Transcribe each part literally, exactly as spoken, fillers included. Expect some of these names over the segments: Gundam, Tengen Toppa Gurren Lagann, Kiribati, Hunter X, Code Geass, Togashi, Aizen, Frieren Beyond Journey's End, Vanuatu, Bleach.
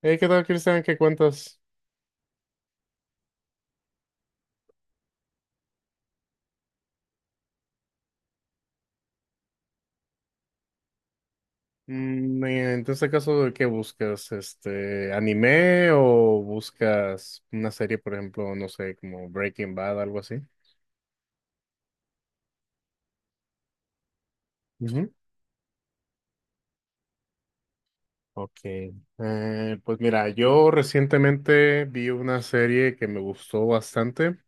Hey, ¿qué tal, Cristian? ¿Qué cuentas? Mm, eh, en este caso, ¿qué buscas? Este, ¿anime o buscas una serie, por ejemplo, no sé, como Breaking Bad, algo así? Ujú. Ok. Eh, pues mira, yo recientemente vi una serie que me gustó bastante.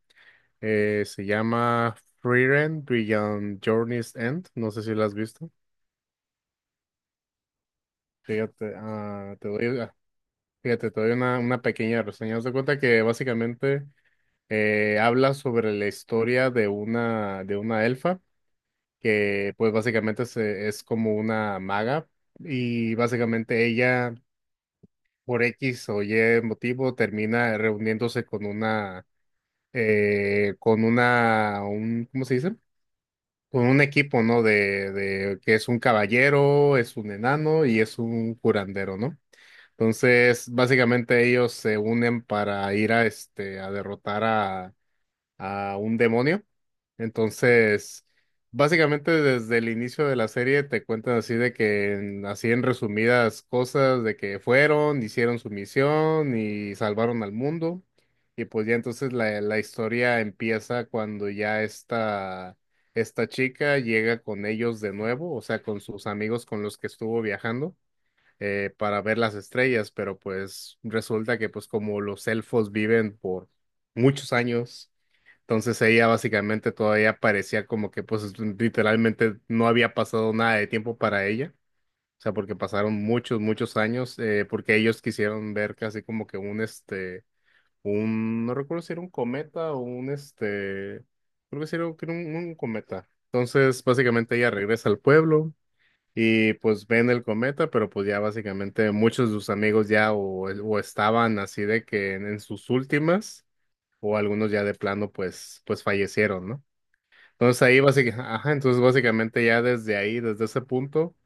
Eh, se llama Frieren Beyond Journey's End. No sé si la has visto. Fíjate, ah, te doy, ah, fíjate, te doy una, una pequeña reseña. Haz de cuenta que básicamente. Eh, habla sobre la historia de una, de una elfa que pues básicamente se- es como una maga y básicamente ella por equis o ye motivo termina reuniéndose con una, eh, con una, un, ¿cómo se dice? Con un equipo, ¿no? De, de que es un caballero, es un enano y es un curandero, ¿no? Entonces, básicamente ellos se unen para ir a este, a derrotar a un demonio. Entonces, básicamente desde el inicio de la serie te cuentan así de que, en- así en resumidas cosas, de que fueron, hicieron su misión y salvaron al mundo. Y pues ya entonces la, la historia empieza cuando ya esta, esta chica llega con ellos de nuevo, o sea, con sus amigos con los que estuvo viajando, eh, para ver las estrellas. Pero pues resulta que pues como los elfos viven por muchos años, entonces ella básicamente todavía parecía como que pues literalmente no había pasado nada de tiempo para ella, o sea, porque pasaron muchos, muchos años, eh, porque ellos quisieron ver casi como que un, este, un, no recuerdo si era un cometa o un, este, creo que sí era un, que un- un cometa. Entonces básicamente ella regresa al pueblo y pues ven el cometa, pero pues ya básicamente muchos de sus amigos ya o, o estaban así de que en en sus últimas, o algunos ya de plano pues pues fallecieron, ¿no? Entonces ahí básicamente, ajá, entonces básicamente ya desde ahí, desde ese punto,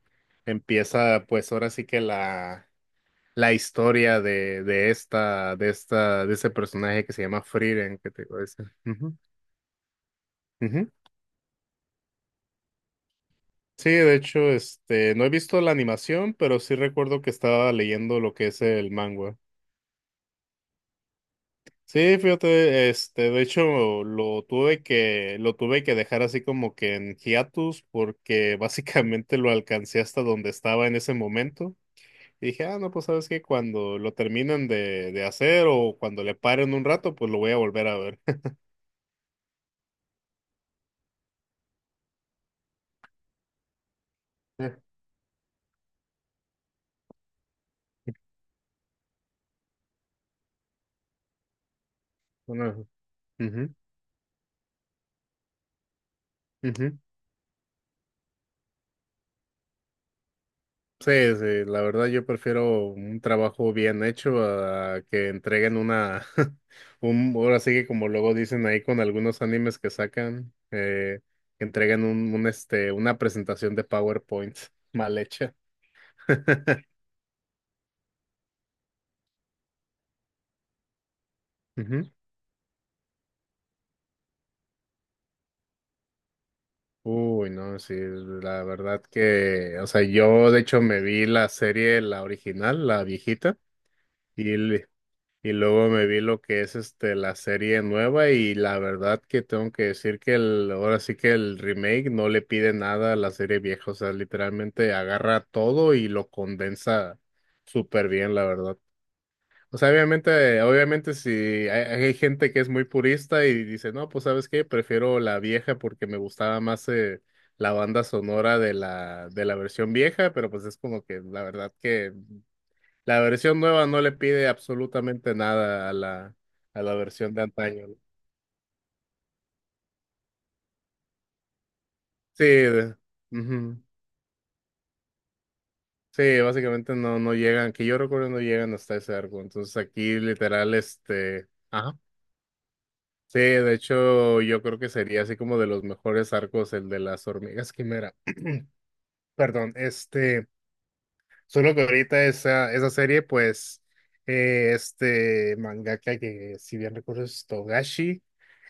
empieza pues ahora sí que la, la historia de, de esta, de esta, de ese personaje que se llama Frieren, que te digo, ese. Ujú, ujú. Sí, de hecho, este, no he visto la animación, pero sí recuerdo que estaba leyendo lo que es el manga. Sí, fíjate, este, de hecho, lo tuve que, lo tuve que dejar así como que en hiatus, porque básicamente lo alcancé hasta donde estaba en ese momento. Y dije, ah, no, pues sabes que cuando lo terminen de, de hacer o cuando le paren un rato, pues lo voy a volver a ver. Eh, bueno, ujú, ujú. Sí, sí, la verdad yo prefiero un trabajo bien hecho a que entreguen una, un, ahora sí que como luego dicen ahí con algunos animes que sacan, eh, que entreguen un, un, este, una presentación de PowerPoint mal hecha. Uy, no, sí, la verdad que, o sea, yo de hecho me vi la serie, la original, la viejita, y, l- y luego me vi lo que es este, la serie nueva y la verdad que tengo que decir que el, ahora sí que el remake no le pide nada a la serie vieja, o sea, literalmente agarra todo y lo condensa súper bien, la verdad. O sea, obviamente, obviamente si hay, hay gente que es muy purista y dice, no, pues ¿sabes qué? Prefiero la vieja porque me gustaba más eh, la banda sonora de la, de la versión vieja, pero pues es como que la verdad que la versión nueva no le pide absolutamente nada a la, a la versión de antaño, ¿no? Sí, de- ujú. Sí, básicamente no, no llegan, que yo recuerdo no llegan hasta ese arco. Entonces aquí literal, este... Ajá. Sí, de hecho, yo creo que sería así como de los mejores arcos el de las hormigas quimera. Perdón, este, solo que ahorita esa, esa serie, pues, eh, este mangaka que, si bien recuerdo, es Togashi,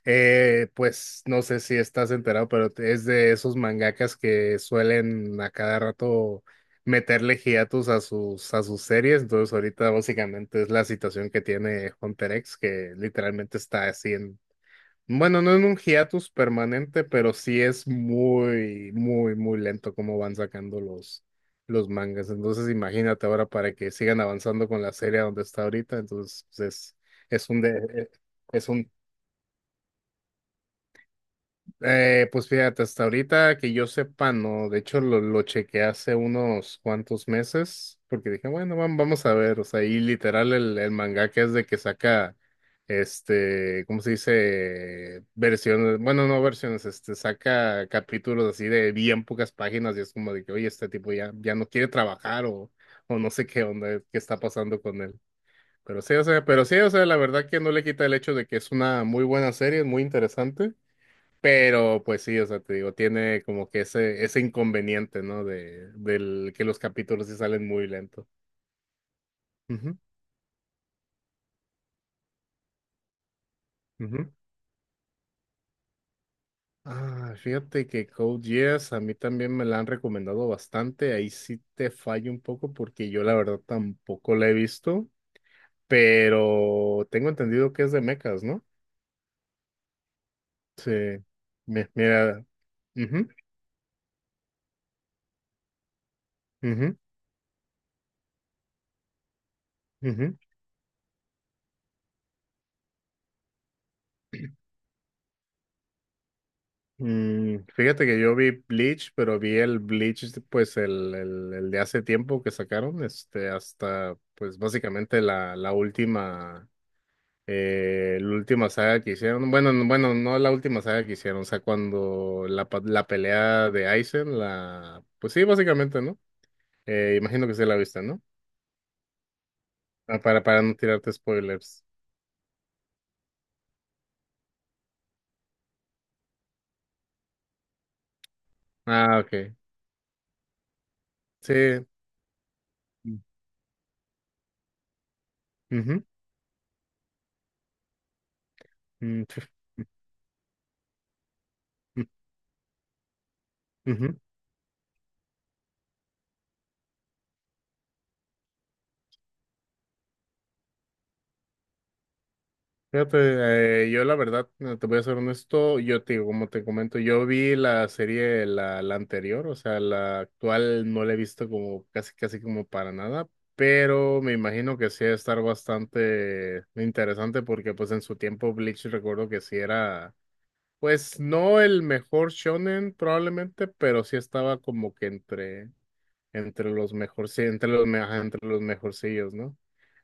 eh, pues, no sé si estás enterado, pero es de esos mangakas que suelen a cada rato meterle hiatus a sus, a sus series, entonces ahorita básicamente es la situación que tiene Hunter equis, que literalmente está así. Bueno, no en un hiatus permanente, pero sí es muy, muy, muy lento cómo van sacando los, los mangas. Entonces, imagínate ahora para que sigan avanzando con la serie a donde está ahorita. Entonces, pues, es, es un de- es un eh, pues fíjate, hasta ahorita que yo sepa, no. De hecho, lo, lo chequeé hace unos cuantos meses, porque dije, bueno, vam- vamos a ver. O sea, y literal el, el mangaka es de que saca, este, ¿cómo se dice? Versiones, bueno, no versiones, este, saca capítulos así de bien pocas páginas y es como de que, oye, este tipo ya, ya no quiere trabajar, o, o no sé qué onda, qué está pasando con él. Pero sí, o sea, pero sí, o sea, la verdad que no le quita el hecho de que es una muy buena serie, es muy interesante. Pero pues sí, o sea, te digo, tiene como que ese, ese inconveniente, ¿no? De, del que los capítulos sí salen muy lento. Ujú, ujú. Ah, fíjate que Code Geass a mí también me la han recomendado bastante. Ahí sí te fallo un poco porque yo la verdad tampoco la he visto, pero tengo entendido que es de mechas, ¿no? Sí. Mi- Mira, ujú, ujú, ujú. Mm, fíjate que yo vi Bleach, pero vi el Bleach, pues el, el, el de hace tiempo que sacaron, este, hasta, pues básicamente la, la última, eh, la última saga que hicieron. Bueno, no- bueno, no la última saga que hicieron, o sea, cuando la, pa- la pelea de Aizen, la, pues sí, básicamente, ¿no? Eh, imagino que sí la viste, ¿no? Ah, para, para no tirarte spoilers. Ah, ok. Sí. Mm, ujú. Mm, ujú. Fíjate, eh, yo la verdad, eh, te voy a ser honesto, yo te digo, como te comento, yo vi la serie, la, la anterior, o sea, la actual no la he visto como casi, casi como para nada, pero me imagino que sí va a estar bastante interesante porque pues en su tiempo Bleach recuerdo que sí era, pues no el mejor shonen probablemente, pero sí estaba como que entre, entre los mejor, sí, entre los, me- ajá, entre los mejorcillos, ¿no?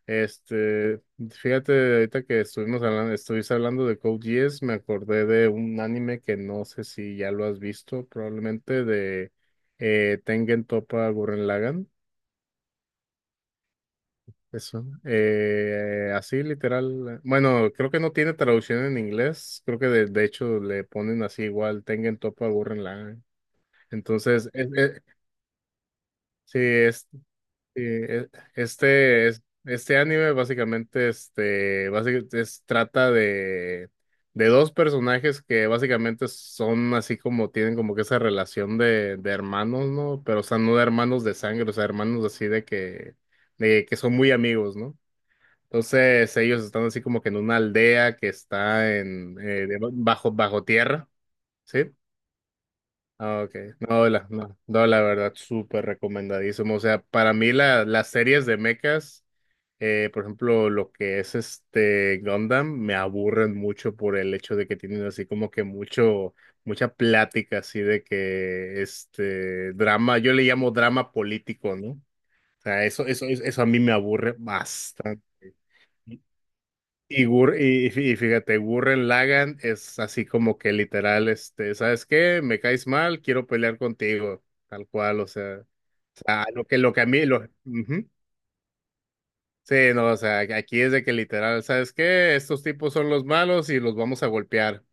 Este, fíjate, ahorita que estuvimos hablando, estuviste hablando de Code Geass, me acordé de un anime que no sé si ya lo has visto, probablemente de, eh, Tengen Toppa Gurren Lagann, eso, eh, así literal, bueno, creo que no tiene traducción en inglés, creo que de, de hecho le ponen así igual, Tengen Toppa Gurren Lagann, entonces, es, es- sí, sí, e- este, es- este anime básicamente, este, básicamente es- trata de, de dos personajes que básicamente son así como tienen como que esa relación de, de hermanos, ¿no? Pero o sea, no de hermanos de sangre, o sea, hermanos así de que, de que son muy amigos, ¿no? Entonces ellos están así como que en una aldea que está en, eh, de- bajo, bajo tierra. ¿Sí? Ah, ok. No, la, no, no, la verdad, súper recomendadísimo. O sea, para mí la, las series de mechas, eh, por ejemplo, lo que es este Gundam, me aburren mucho por el hecho de que tienen así como que mucho, mucha plática así de que este drama, yo le llamo drama político, ¿no? O sea, eso, eso, eso a mí me aburre bastante. Y, Gur- y, y fí- y fíjate, Gurren Lagann es así como que literal, este, ¿sabes qué? Me caes mal, quiero pelear contigo, tal cual, o sea, o sea, lo que, lo que a mí, lo, ujú. Sí, no, o sea, aquí es de que literal, ¿sabes qué? Estos tipos son los malos y los vamos a golpear.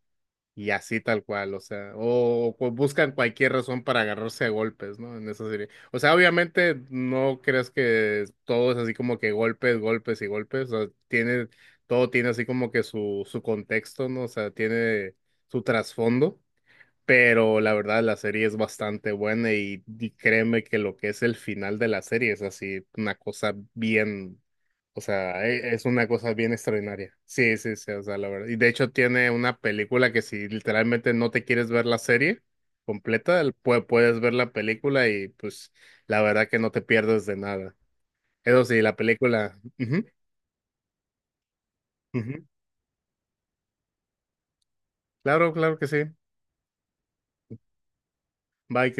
Y así tal cual, o sea, o, o cu- buscan cualquier razón para agarrarse a golpes, ¿no? En esa serie. O sea, obviamente no crees que todo es así como que golpes, golpes y golpes, o sea, tiene, todo tiene así como que su, su contexto, ¿no? O sea, tiene su trasfondo. Pero la verdad, la serie es bastante buena y, y créeme que lo que es el final de la serie es así, una cosa bien, o sea, e- es una cosa bien extraordinaria. Sí, sí, sí, o sea, la verdad. Y de hecho tiene una película que si literalmente no te quieres ver la serie completa, el- pue- puedes ver la película y pues la verdad que no te pierdes de nada. Eso sí, la película. Ujú, ujú. Claro, claro que sí. Bye.